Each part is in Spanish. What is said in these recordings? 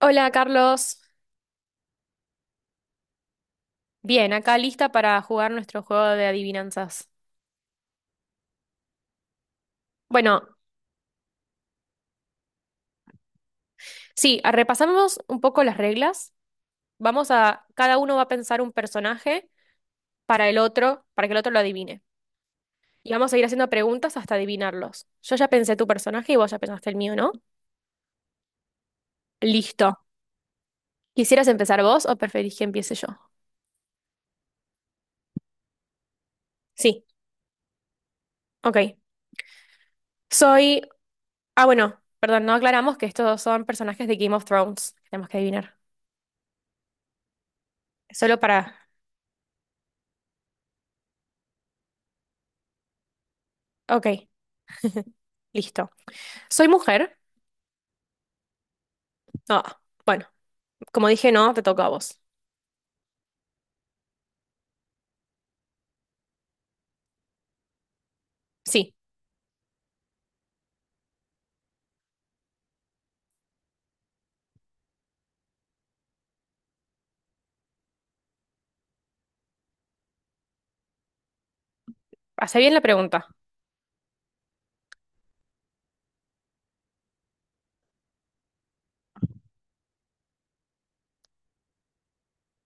Hola Carlos, bien, acá lista para jugar nuestro juego de adivinanzas. Bueno, sí, repasamos un poco las reglas. Cada uno va a pensar un personaje para el otro, para que el otro lo adivine. Y vamos a ir haciendo preguntas hasta adivinarlos. Yo ya pensé tu personaje y vos ya pensaste el mío, ¿no? Listo. ¿Quisieras empezar vos o preferís que empiece yo? Sí, ok. Soy... Ah, bueno, perdón, no aclaramos que estos son personajes de Game of Thrones que tenemos que adivinar. Solo para... Ok, listo. Soy mujer. Ah, bueno, como dije, no, te toca a vos. Sí, hace bien la pregunta.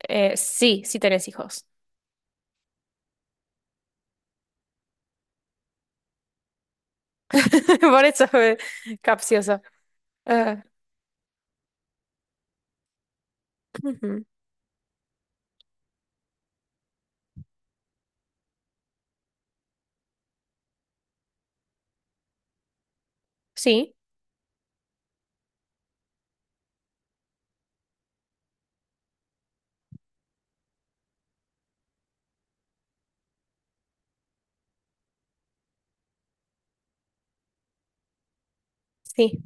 Sí, sí tenés hijos. Por eso fue capciosa. Eh, ujú. Sí, sí.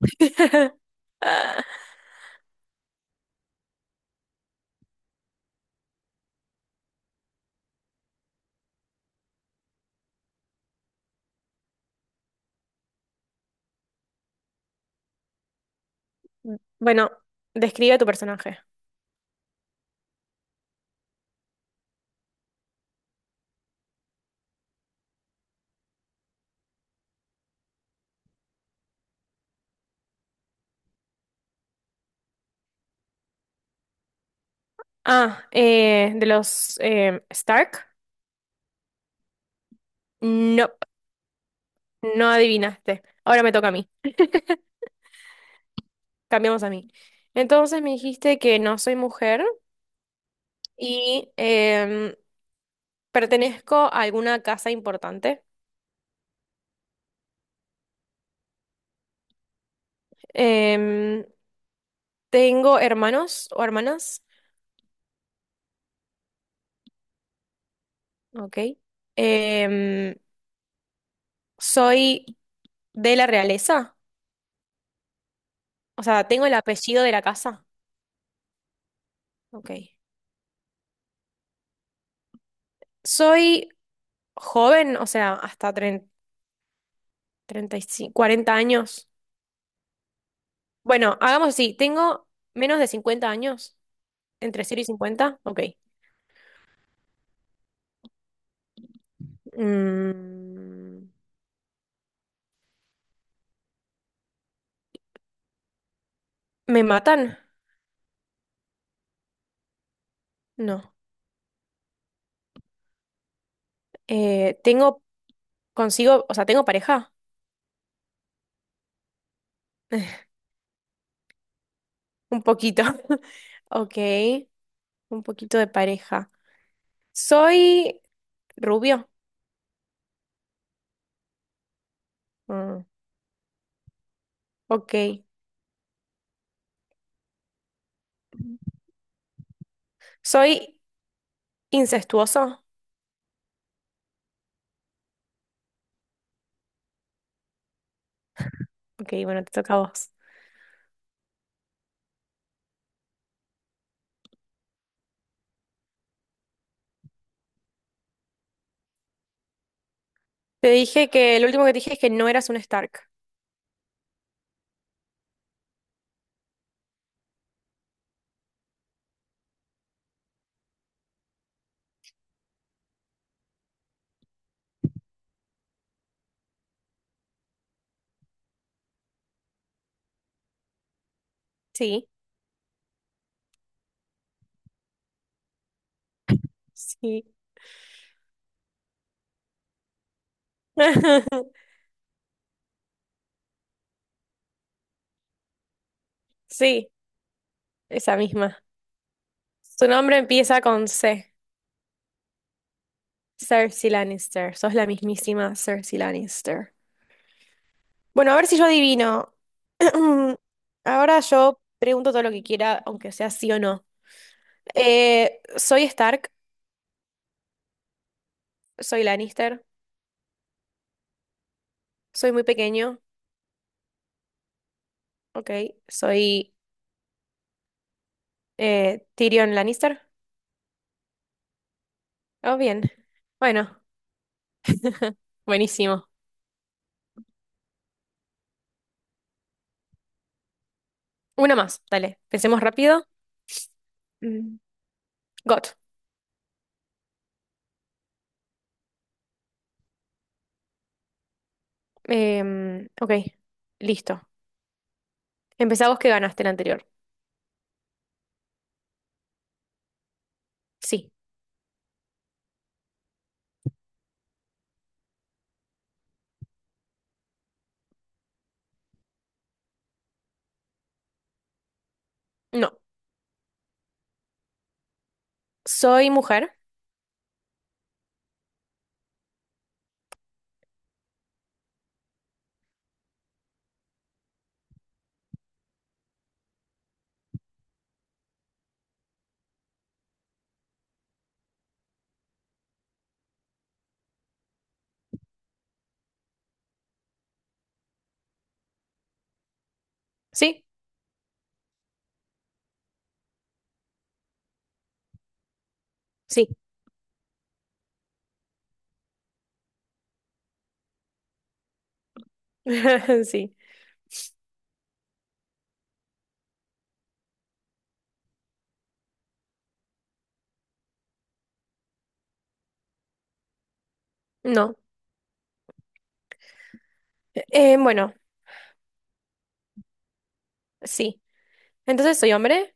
Bueno, describe a tu personaje. De los Stark. No, no adivinaste. Ahora me toca a mí. Cambiamos a mí. Entonces me dijiste que no soy mujer y pertenezco a alguna casa importante. Em, Tengo hermanos o hermanas, ok. Em, soy de la realeza, o sea, tengo el apellido de la casa, ok. Soy joven, o sea, hasta 30, 35, 40 años. Bueno, hagamos así, tengo menos de 50 años, entre cero y 50, ok. Mm, ¿me matan? No. Tengo consigo, o sea, tengo pareja, un poquito, ok, un poquito de pareja. Soy rubio. Mm, ok. Soy incestuoso. Ok, bueno, te toca a vos. Te dije que el último que te dije es que no eras un Stark. Sí, sí. Sí, esa misma. Su nombre empieza con C. Cersei Lannister. Sos la mismísima Cersei Lannister. Bueno, a ver si yo adivino. Ahora yo pregunto todo lo que quiera, aunque sea sí o no. Soy Stark, soy Lannister, soy muy pequeño. Ok, soy Tyrion Lannister. Oh, bien. Bueno, buenísimo. Una más, dale. Pensemos rápido. Mm, Got. Ok, listo. Empezá vos que ganaste el anterior. Sí. No. Soy mujer. Sí. Sí. Sí. No. Bueno, sí. Entonces soy hombre.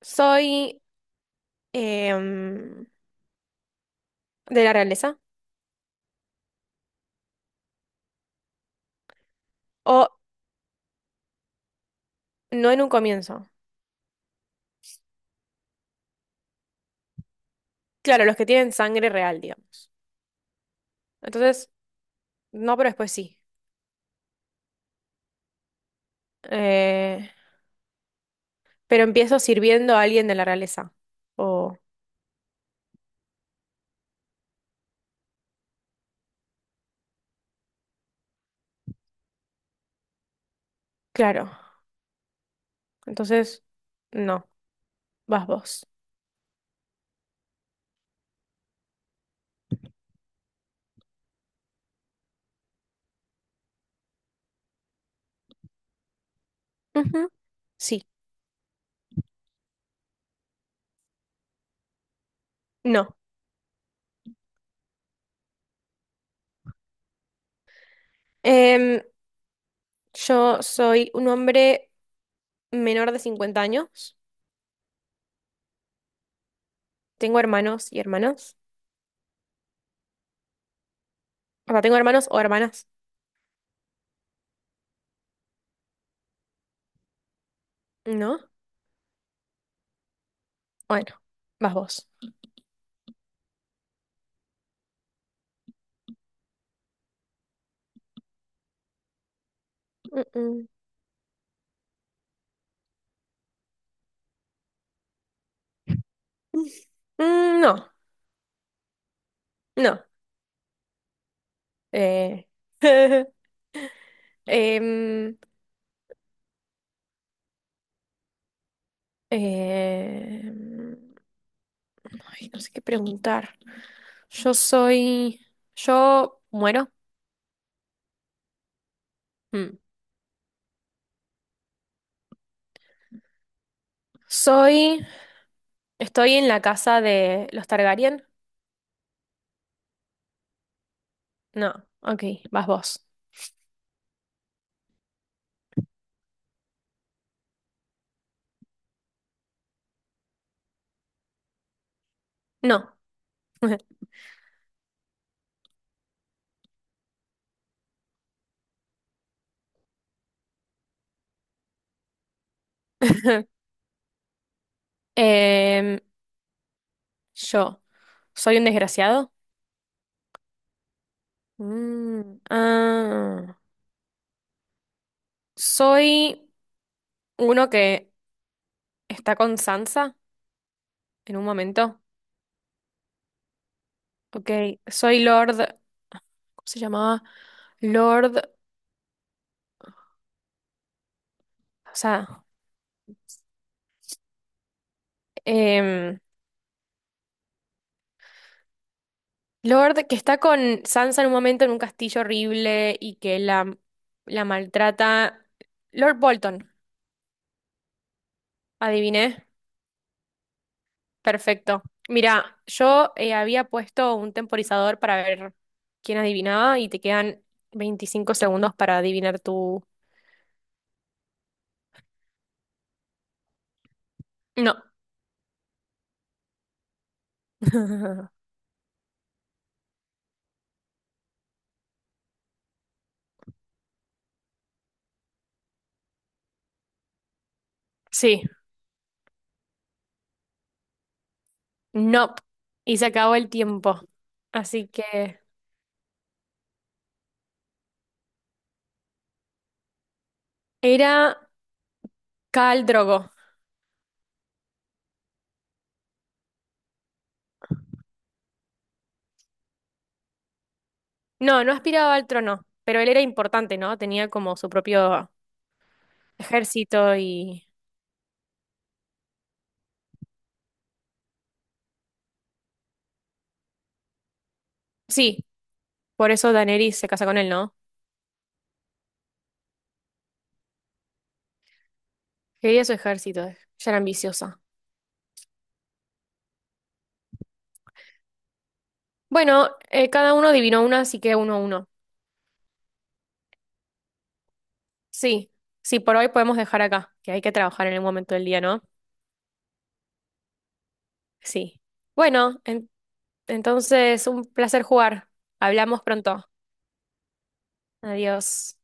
Soy em, de la realeza. O no en un comienzo. Claro, los que tienen sangre real, digamos. Entonces, no, pero después sí. Eh, pero empiezo sirviendo a alguien de la realeza. O, claro. Entonces, no, vas vos. Ujú. Sí, no. Em, yo soy un hombre menor de 50 años. Tengo hermanos y hermanas. O sea, tengo hermanos o hermanas. ¿No? Bueno, vas vos. Mm, mm. No, no. Eh, em, Eh, no sé qué preguntar. Yo soy. Yo muero. Mm. Soy. Estoy en la casa de los Targaryen. No, ok, vas vos. No. Em, yo. ¿Soy un desgraciado? Mm, ah. Soy uno que está con Sansa en un momento. Ok, soy Lord. ¿Cómo se llamaba? Lord. O sea, em, Lord que está con Sansa en un momento en un castillo horrible y que la maltrata. Lord Bolton, adiviné. Perfecto. Mira, yo había puesto un temporizador para ver quién adivinaba y te quedan 25 segundos para adivinar tu... No. Sí, no. Y se acabó el tiempo. Así que era Khal Drogo. No, no aspiraba al trono, pero él era importante, ¿no? Tenía como su propio ejército y... Sí, por eso Daenerys se casa con él, ¿no? Quería su ejército, ya era ambiciosa. Bueno, cada uno adivinó una, así que uno a uno. Sí, sí, por hoy podemos dejar acá, que hay que trabajar en el momento del día, ¿no? Sí. Bueno, entonces un placer jugar. Hablamos pronto. Adiós.